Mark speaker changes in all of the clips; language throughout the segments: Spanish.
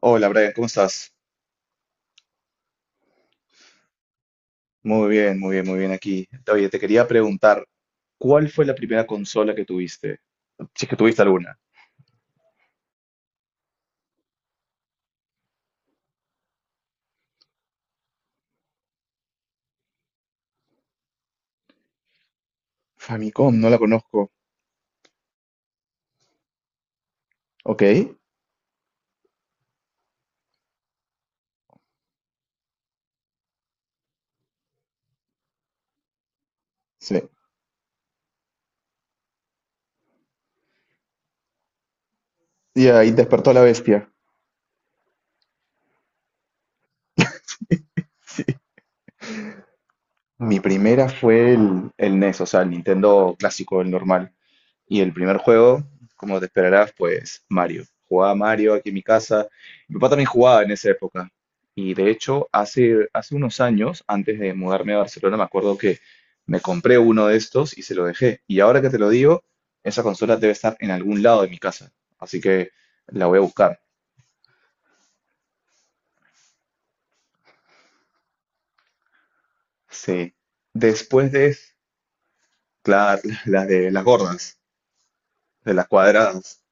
Speaker 1: Hola Brian, ¿cómo estás? Muy bien, muy bien, muy bien aquí. Oye, te quería preguntar, ¿cuál fue la primera consola que tuviste? Si es que tuviste alguna. Famicom, no la conozco. Ok, sí. Y ahí despertó la bestia. Mi primera fue el NES, o sea, el Nintendo clásico, el normal. Y el primer juego, como te esperarás, pues Mario. Jugaba Mario aquí en mi casa. Mi papá también jugaba en esa época. Y de hecho, hace unos años, antes de mudarme a Barcelona, me acuerdo que me compré uno de estos y se lo dejé. Y ahora que te lo digo, esa consola debe estar en algún lado de mi casa. Así que la voy a buscar. Sí. Después de, claro, las de las gordas, de las cuadradas.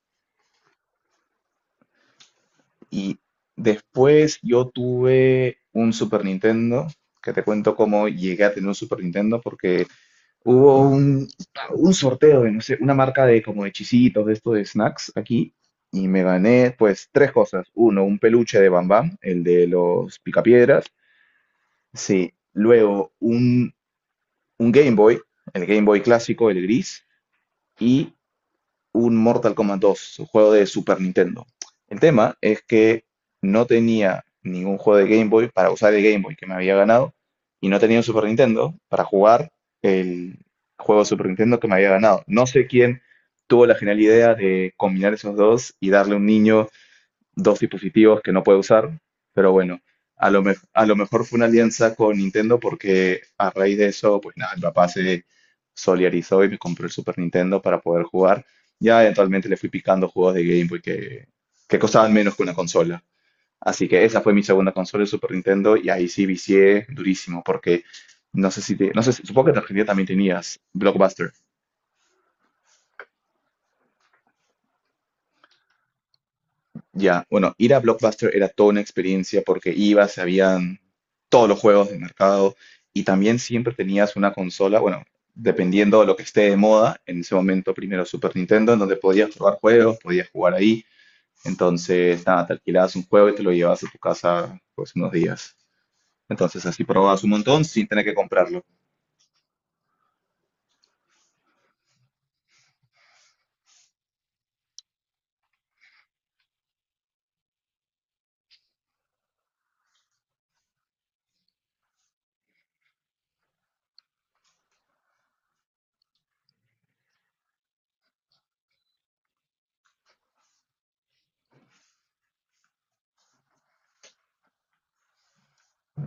Speaker 1: Y después yo tuve un Super Nintendo, que te cuento cómo llegué a tener un Super Nintendo, porque hubo un, sorteo de, no sé, una marca de como de chisitos, de esto de snacks aquí, y me gané pues tres cosas. Uno, un peluche de Bam Bam, el de los picapiedras. Sí, luego un Game Boy, el Game Boy clásico, el gris, y un Mortal Kombat 2, un juego de Super Nintendo. El tema es que no tenía ningún juego de Game Boy para usar el Game Boy que me había ganado y no tenía un Super Nintendo para jugar el juego de Super Nintendo que me había ganado. No sé quién tuvo la genial idea de combinar esos dos y darle a un niño dos dispositivos que no puede usar, pero bueno, a lo mejor fue una alianza con Nintendo porque a raíz de eso, pues nada, mi papá se solidarizó y me compró el Super Nintendo para poder jugar. Ya eventualmente le fui picando juegos de Game Boy que costaban menos que una consola. Así que esa fue mi segunda consola, el Super Nintendo, y ahí sí vicié durísimo porque no sé si te- no sé si- supongo que en Argentina también tenías Blockbuster. Ya, bueno, ir a Blockbuster era toda una experiencia porque ibas, habían todos los juegos del mercado y también siempre tenías una consola, bueno, dependiendo de lo que esté de moda, en ese momento primero Super Nintendo, en donde podías jugar juegos, podías jugar ahí, entonces nada, te alquilabas un juego y te lo llevabas a tu casa pues unos días. Entonces así probabas un montón sin tener que comprarlo.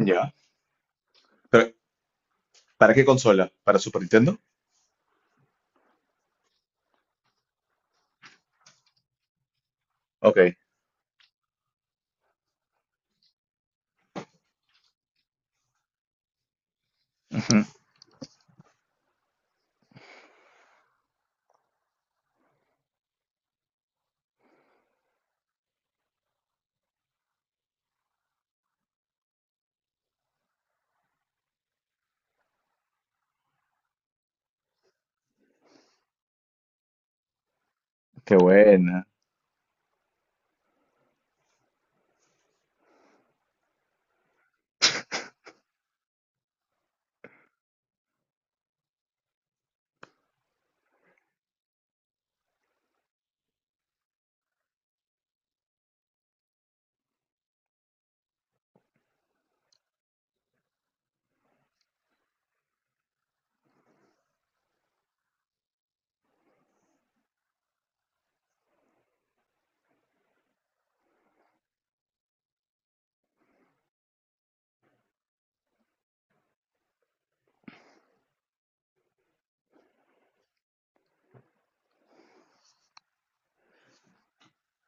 Speaker 1: Ya. Pero, ¿para qué consola? ¿Para Super Nintendo? Ok, qué buena.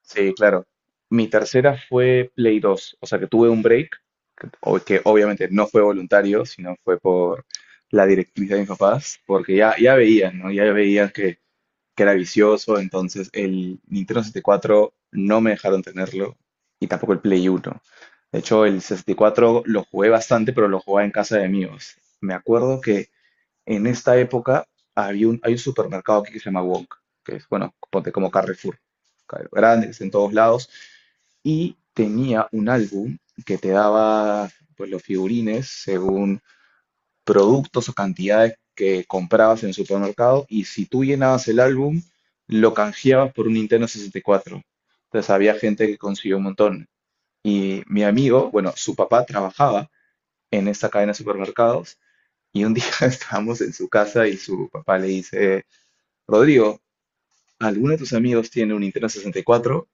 Speaker 1: Sí, claro. Mi tercera fue Play 2, o sea que tuve un break, que obviamente no fue voluntario, sino fue por la directriz de mis papás, porque ya veían, ¿no? Ya veían que era vicioso, entonces el Nintendo 64 no me dejaron tenerlo y tampoco el Play 1. De hecho, el 64 lo jugué bastante, pero lo jugaba en casa de amigos. Me acuerdo que en esta época hay un supermercado aquí que se llama Wonk, que es, bueno, ponte como Carrefour, claro, grande, que está en todos lados, y tenía un álbum que te daba pues, los figurines según productos o cantidades que comprabas en el supermercado, y si tú llenabas el álbum, lo canjeabas por un Nintendo 64. Entonces había gente que consiguió un montón. Y mi amigo, bueno, su papá trabajaba en esta cadena de supermercados y un día estábamos en su casa y su papá le dice, Rodrigo, ¿alguno de tus amigos tiene un Nintendo 64? Y cuatro?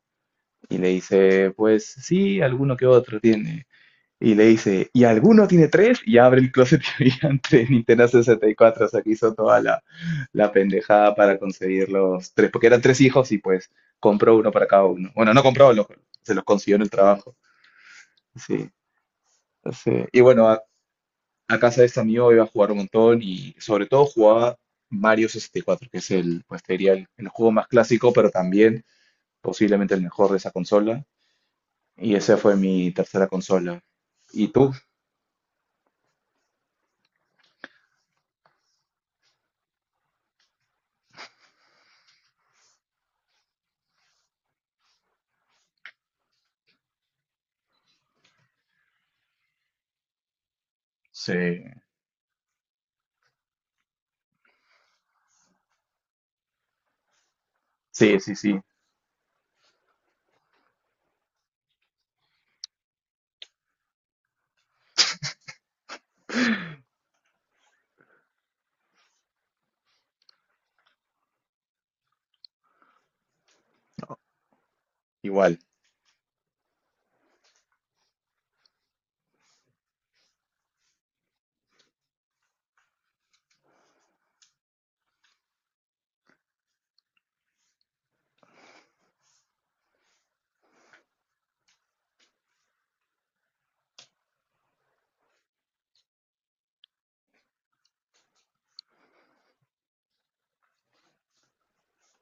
Speaker 1: Y le dice, pues sí, alguno que otro tiene. Y le dice, ¿y alguno tiene tres? Y abre el closet y habían tres Nintendo 64. O sea, que hizo toda la pendejada para conseguir los tres, porque eran tres hijos y pues compró uno para cada uno. Bueno, no compró, se los consiguió en el trabajo. Sí, sí. Y bueno, a casa de este amigo iba a jugar un montón y sobre todo jugaba Mario 64, que es el, pues te diría, el juego más clásico, pero también posiblemente el mejor de esa consola. Y esa fue mi tercera consola. ¿Y tú? Sí, sí, sí, sí, igual.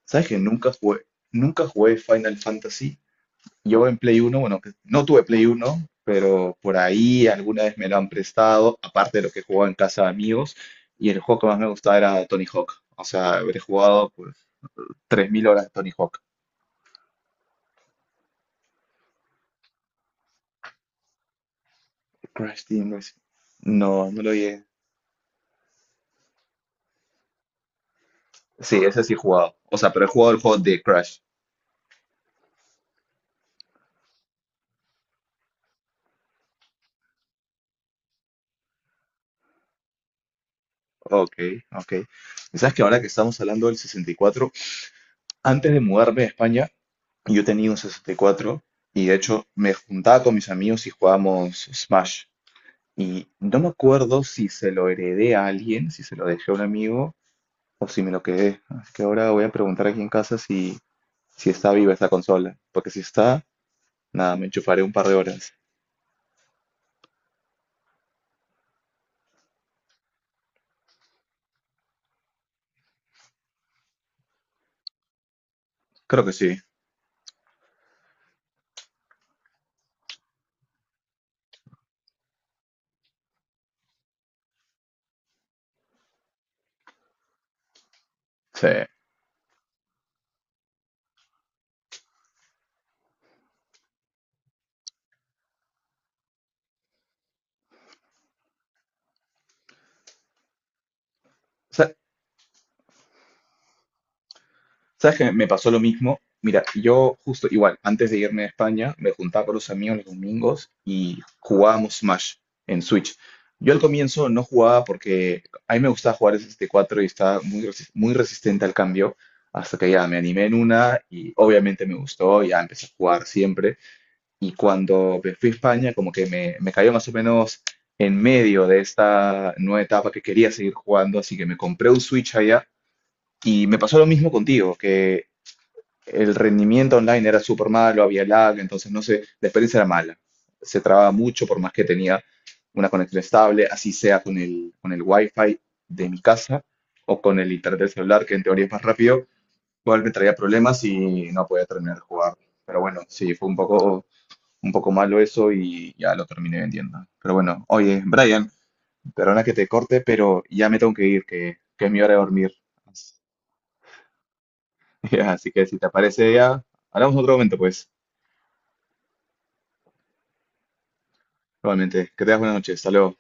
Speaker 1: ¿Sabes que nunca jugué Final Fantasy? Yo en Play uno bueno, que no tuve Play uno pero por ahí alguna vez me lo han prestado, aparte de lo que jugaba en casa de amigos, y el juego que más me gustaba era Tony Hawk. O sea, habré jugado pues, 3000 horas de Tony Hawk. Crash Team Racing. No, no lo llegué. Sí, ese sí he jugado. O sea, pero he jugado el juego de Crash. Ok, ok. Y sabes que ahora que estamos hablando del 64, antes de mudarme a España, yo tenía un 64 y cuatro y de hecho me juntaba con mis amigos y jugábamos Smash. Y no me acuerdo si se lo heredé a alguien, si se lo dejé a un amigo o si me lo quedé. Así que ahora voy a preguntar aquí en casa si está viva esta consola. Porque si está, nada, me enchufaré un par de horas. Creo que sí. Sí. Sa- ¿Sabes que me pasó lo mismo? Mira, yo justo igual, antes de irme a España, me juntaba con los amigos los domingos y jugábamos Smash en Switch. Yo al comienzo no jugaba porque a mí me gustaba jugar S64 y cuatro y estaba muy resistente al cambio, hasta que ya me animé en una y obviamente me gustó, ya empecé a jugar siempre. Y cuando me fui a España, como que me cayó más o menos en medio de esta nueva etapa que quería seguir jugando, así que me compré un Switch allá. Y me pasó lo mismo contigo, que el rendimiento online era súper malo, había lag, entonces no sé, la experiencia era mala. Se trababa mucho por más que tenía una conexión estable, así sea con el, wifi de mi casa o con el internet del celular, que en teoría es más rápido, igual me traía problemas y no podía terminar de jugar. Pero bueno, sí, fue un poco malo eso y ya lo terminé vendiendo. Pero bueno, oye, Brian, perdona que te corte, pero ya me tengo que ir, que es mi hora de dormir. Así que si te aparece ya, hablamos en otro momento, pues. Igualmente, que tengas buenas noches. Hasta luego.